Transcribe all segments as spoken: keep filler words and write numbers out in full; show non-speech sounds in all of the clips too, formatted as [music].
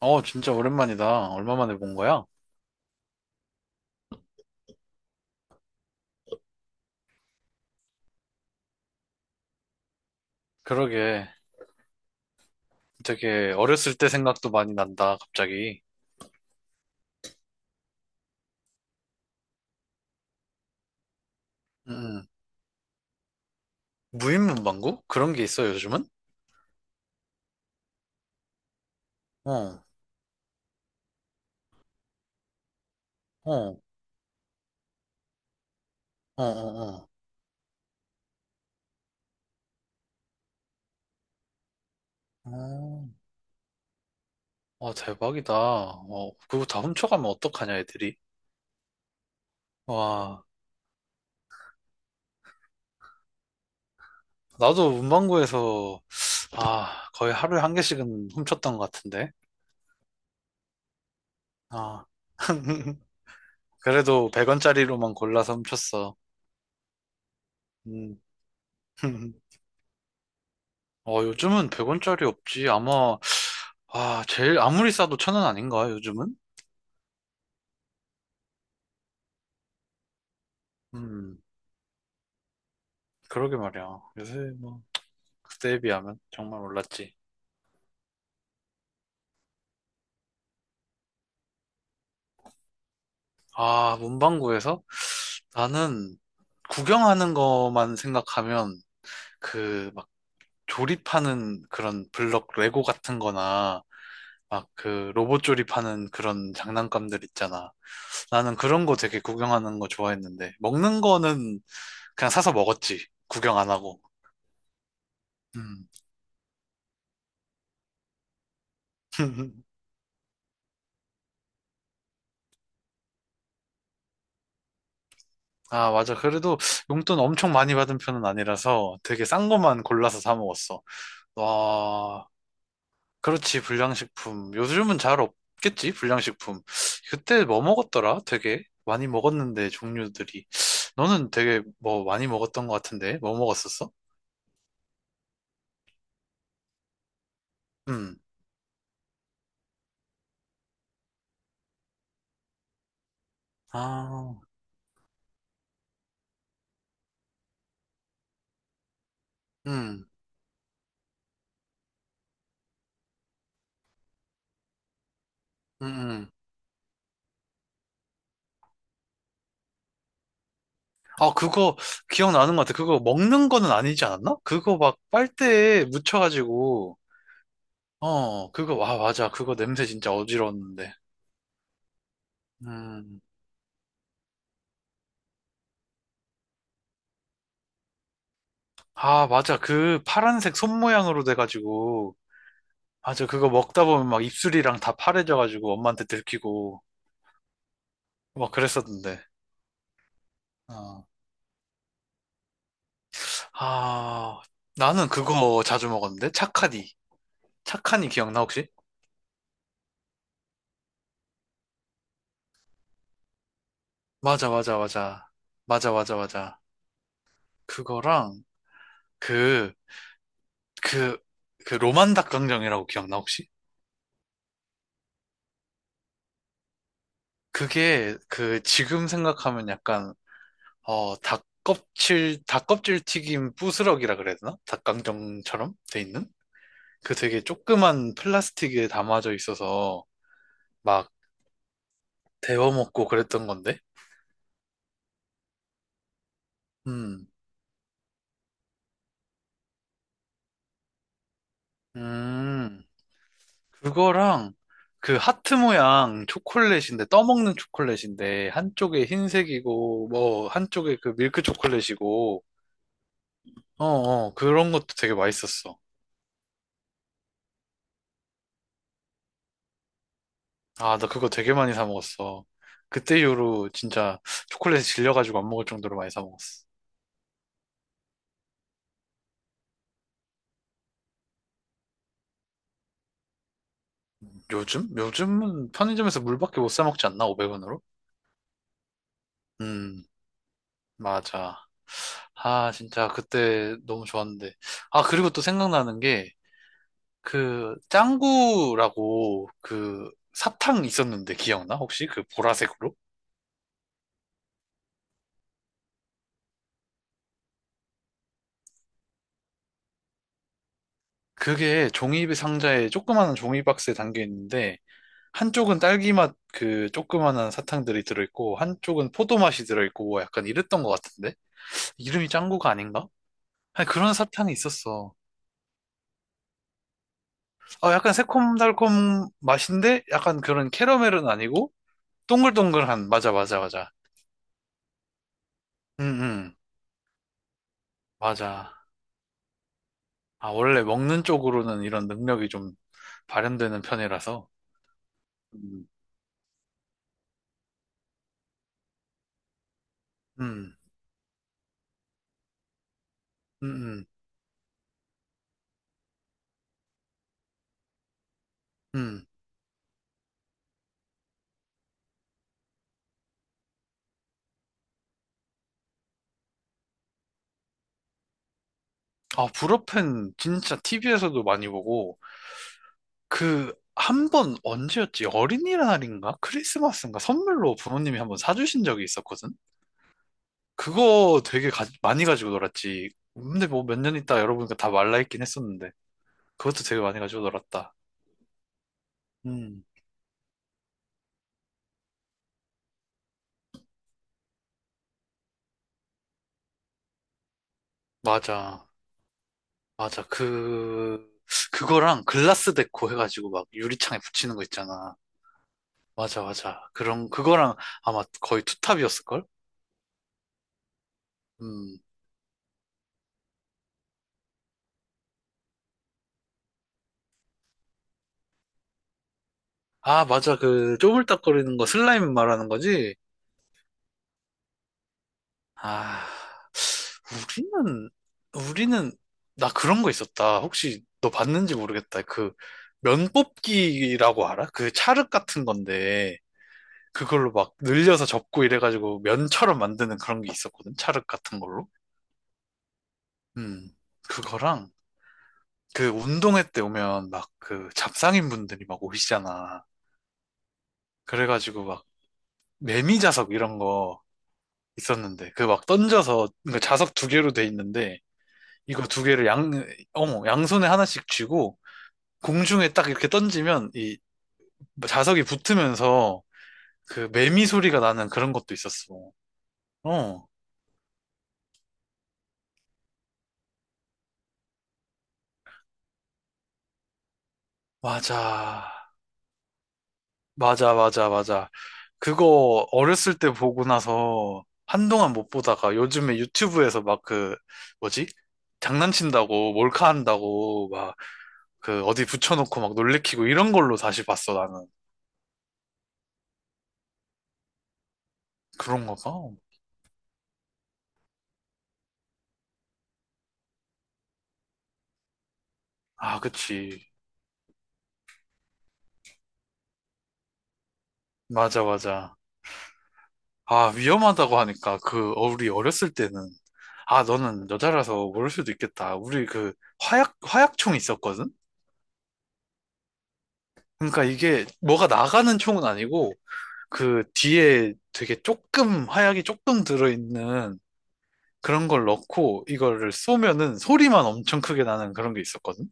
어, 진짜 오랜만이다. 얼마 만에 본 거야? 그러게. 되게 어렸을 때 생각도 많이 난다, 갑자기. 음, 음. 무인문방구? 그런 게 있어, 요즘은? 어, 어, 어, 어, 어. 어, 와, 대박이다. 어, 그거 다 훔쳐가면 어떡하냐, 애들이. 와, 나도 문방구에서, 아, 거의 하루에 한 개씩은 훔쳤던 것 같은데. 아. [laughs] 그래도 백 원짜리로만 골라서 훔쳤어. 음. [laughs] 어, 요즘은 백 원짜리 없지. 아마 아, 제일 아무리 싸도 천 원 아닌가, 요즘은? 음, 그러게 말이야. 요새 뭐, 그때에 비하면 정말 올랐지. 아, 문방구에서? 나는 구경하는 것만 생각하면 그 막 조립하는 그런 블럭 레고 같은 거나 막 그 로봇 조립하는 그런 장난감들 있잖아. 나는 그런 거 되게 구경하는 거 좋아했는데 먹는 거는 그냥 사서 먹었지. 구경 안 하고. 음. [laughs] 아, 맞아. 그래도 용돈 엄청 많이 받은 편은 아니라서 되게 싼 것만 골라서 사 먹었어. 와, 그렇지. 불량식품. 요즘은 잘 없겠지? 불량식품. 그때 뭐 먹었더라? 되게 많이 먹었는데, 종류들이. 너는 되게 뭐 많이 먹었던 것 같은데? 뭐 먹었었어? 음. 아, 음, 음, 음. 아, 그거 기억나는 것 같아. 그거 먹는 거는 아니지 않았나? 그거 막 빨대에 묻혀가지고. 어, 그거, 와, 맞아. 그거 냄새 진짜 어지러웠는데. 음. 아, 맞아. 그 파란색 손 모양으로 돼가지고. 맞아. 그거 먹다 보면 막 입술이랑 다 파래져가지고 엄마한테 들키고. 막 그랬었는데. 어. 아, 나는 그거 자주 먹었는데? 착하니. 착하니 기억나, 혹시? 맞아, 맞아, 맞아. 맞아, 맞아, 맞아. 그거랑 그, 그, 그 로만 닭강정이라고 기억나, 혹시? 그게 그 지금 생각하면 약간 어, 닭껍질, 닭껍질 튀김 부스럭이라 그래야 되나? 닭강정처럼 돼 있는? 그 되게 조그만 플라스틱에 담아져 있어서 막 데워 먹고 그랬던 건데? 음, 음, 그거랑 그 하트 모양 초콜릿인데, 떠먹는 초콜릿인데, 한쪽에 흰색이고, 뭐, 한쪽에 그 밀크 초콜릿이고, 어, 어, 그런 것도 되게 맛있었어. 아, 나 그거 되게 많이 사 먹었어. 그때 이후로 진짜 초콜릿에 질려가지고 안 먹을 정도로 많이 사 먹었어. 요즘? 요즘은 편의점에서 물밖에 못 사 먹지 않나? 오백 원으로? 음, 맞아. 아, 진짜 그때 너무 좋았는데. 아, 그리고 또 생각나는 게, 그, 짱구라고 그 사탕 있었는데 기억나? 혹시 그 보라색으로? 그게 종이 상자에 조그마한 종이 박스에 담겨 있는데, 한쪽은 딸기 맛 그 조그마한 사탕들이 들어있고, 한쪽은 포도 맛이 들어있고, 뭐 약간 이랬던 것 같은데? 이름이 짱구가 아닌가? 아니, 그런 사탕이 있었어. 어, 약간 새콤달콤 맛인데 약간 그런 캐러멜은 아니고 동글동글한 맞아 맞아 맞아. 응응 맞아. 아 원래 먹는 쪽으로는 이런 능력이 좀 발현되는 편이라서. 음. 음. 음. 음. 음. 아 불어팬 진짜 티비에서도 많이 보고 그 한 번 언제였지? 어린이날인가? 크리스마스인가? 선물로 부모님이 한 번 사주신 적이 있었거든. 그거 되게 가- 많이 가지고 놀았지. 근데 뭐 몇 년 있다 열어보니까 다 말라있긴 했었는데. 그것도 되게 많이 가지고 놀았다. 음, 맞아. 맞아. 그, 그거랑 글라스 데코 해가지고 막 유리창에 붙이는 거 있잖아. 맞아, 맞아. 그런, 그거랑 아마 거의 투탑이었을걸? 음. 아, 맞아. 그, 쪼물딱거리는 거 슬라임 말하는 거지? 아, 우리는, 우리는, 나 그런 거 있었다. 혹시 너 봤는지 모르겠다. 그, 면 뽑기라고 알아? 그 찰흙 같은 건데. 그걸로 막 늘려서 접고 이래가지고 면처럼 만드는 그런 게 있었거든. 찰흙 같은 걸로. 음. 그거랑 그 운동회 때 오면 막 그 잡상인 분들이 막 오시잖아. 그래가지고 막 매미 자석 이런 거 있었는데 그 막 던져서 그 자석 두 개로 돼 있는데 이거 두 개를 양, 어머, 양손에 하나씩 쥐고 공중에 딱 이렇게 던지면 이 자석이 붙으면서 그 매미 소리가 나는 그런 것도 있었어. 어, 맞아. 맞아, 맞아, 맞아. 그거 어렸을 때 보고 나서 한동안 못 보다가 요즘에 유튜브에서 막 그, 뭐지? 장난친다고, 몰카 한다고, 막, 그, 어디 붙여놓고 막 놀래키고 이런 걸로 다시 봤어, 나는. 그런 거가 아, 그치. 맞아, 맞아. 아, 위험하다고 하니까, 그, 어, 우리 어렸을 때는. 아, 너는 여자라서 모를 수도 있겠다. 우리 그, 화약, 화약총 있었거든? 그러니까 이게 뭐가 나가는 총은 아니고, 그 뒤에 되게 조금 하얗게 조금 들어있는 그런 걸 넣고 이거를 쏘면은 소리만 엄청 크게 나는 그런 게 있었거든.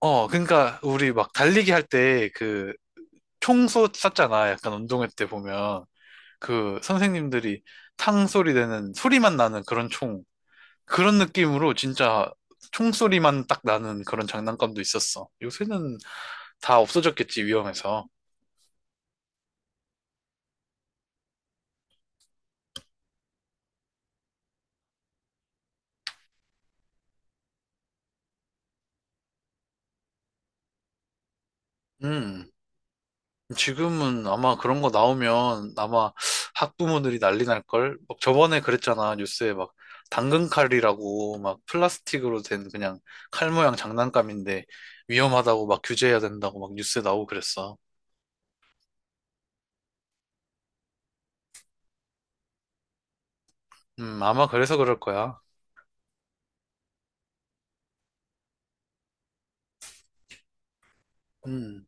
어, 그러니까 우리 막 달리기 할 때 그 총 쐈잖아. 약간 운동회 때 보면 그 선생님들이 탕 소리 되는 소리만 나는 그런 총 그런 느낌으로 진짜 총 소리만 딱 나는 그런 장난감도 있었어. 요새는 다 없어졌겠지 위험해서. 음. 지금은 아마 그런 거 나오면 아마 학부모들이 난리 날걸? 막 저번에 그랬잖아. 뉴스에 막 당근칼이라고 막 플라스틱으로 된 그냥 칼 모양 장난감인데 위험하다고 막 규제해야 된다고 막 뉴스에 나오고 그랬어. 음, 아마 그래서 그럴 거야. 음,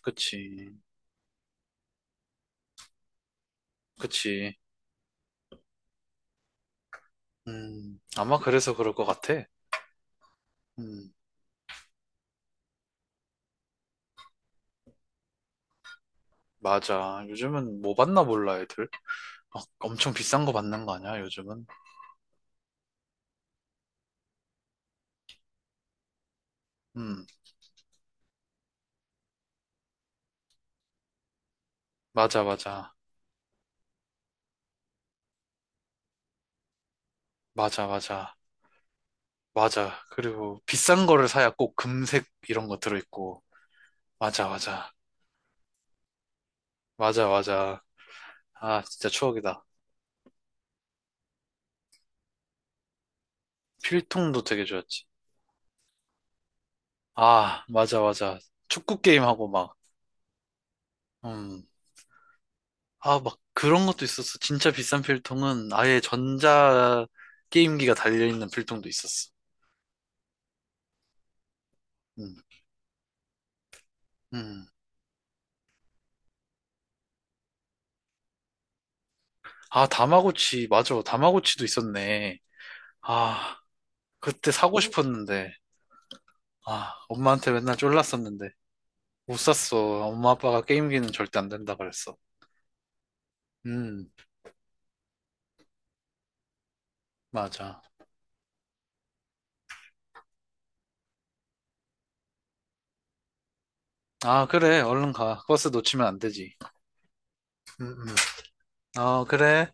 그치. 그치. 음, 아마 그래서 그럴 것 같아. 음, 맞아. 요즘은 뭐 받나 몰라, 애들. 막 엄청 비싼 거 받는 거 아니야, 요즘은? 음, 맞아, 맞아. 맞아, 맞아. 맞아. 그리고 비싼 거를 사야 꼭 금색 이런 거 들어있고. 맞아, 맞아. 맞아, 맞아. 아, 진짜 추억이다. 필통도 되게 좋았지. 아, 맞아, 맞아. 축구 게임하고 막, 음. 아, 막 그런 것도 있었어. 진짜 비싼 필통은 아예 전자 게임기가 달려있는 필통도 있었어. 음, 음. 아, 다마고치. 맞아. 다마고치도 있었네. 아, 그때 사고 싶었는데. 아, 엄마한테 맨날 쫄랐었는데. 못 샀어. 엄마 아빠가 게임기는 절대 안 된다 그랬어. 음, 맞아. 아, 그래. 얼른 가. 버스 놓치면 안 되지. 음, 음. 어, 그래.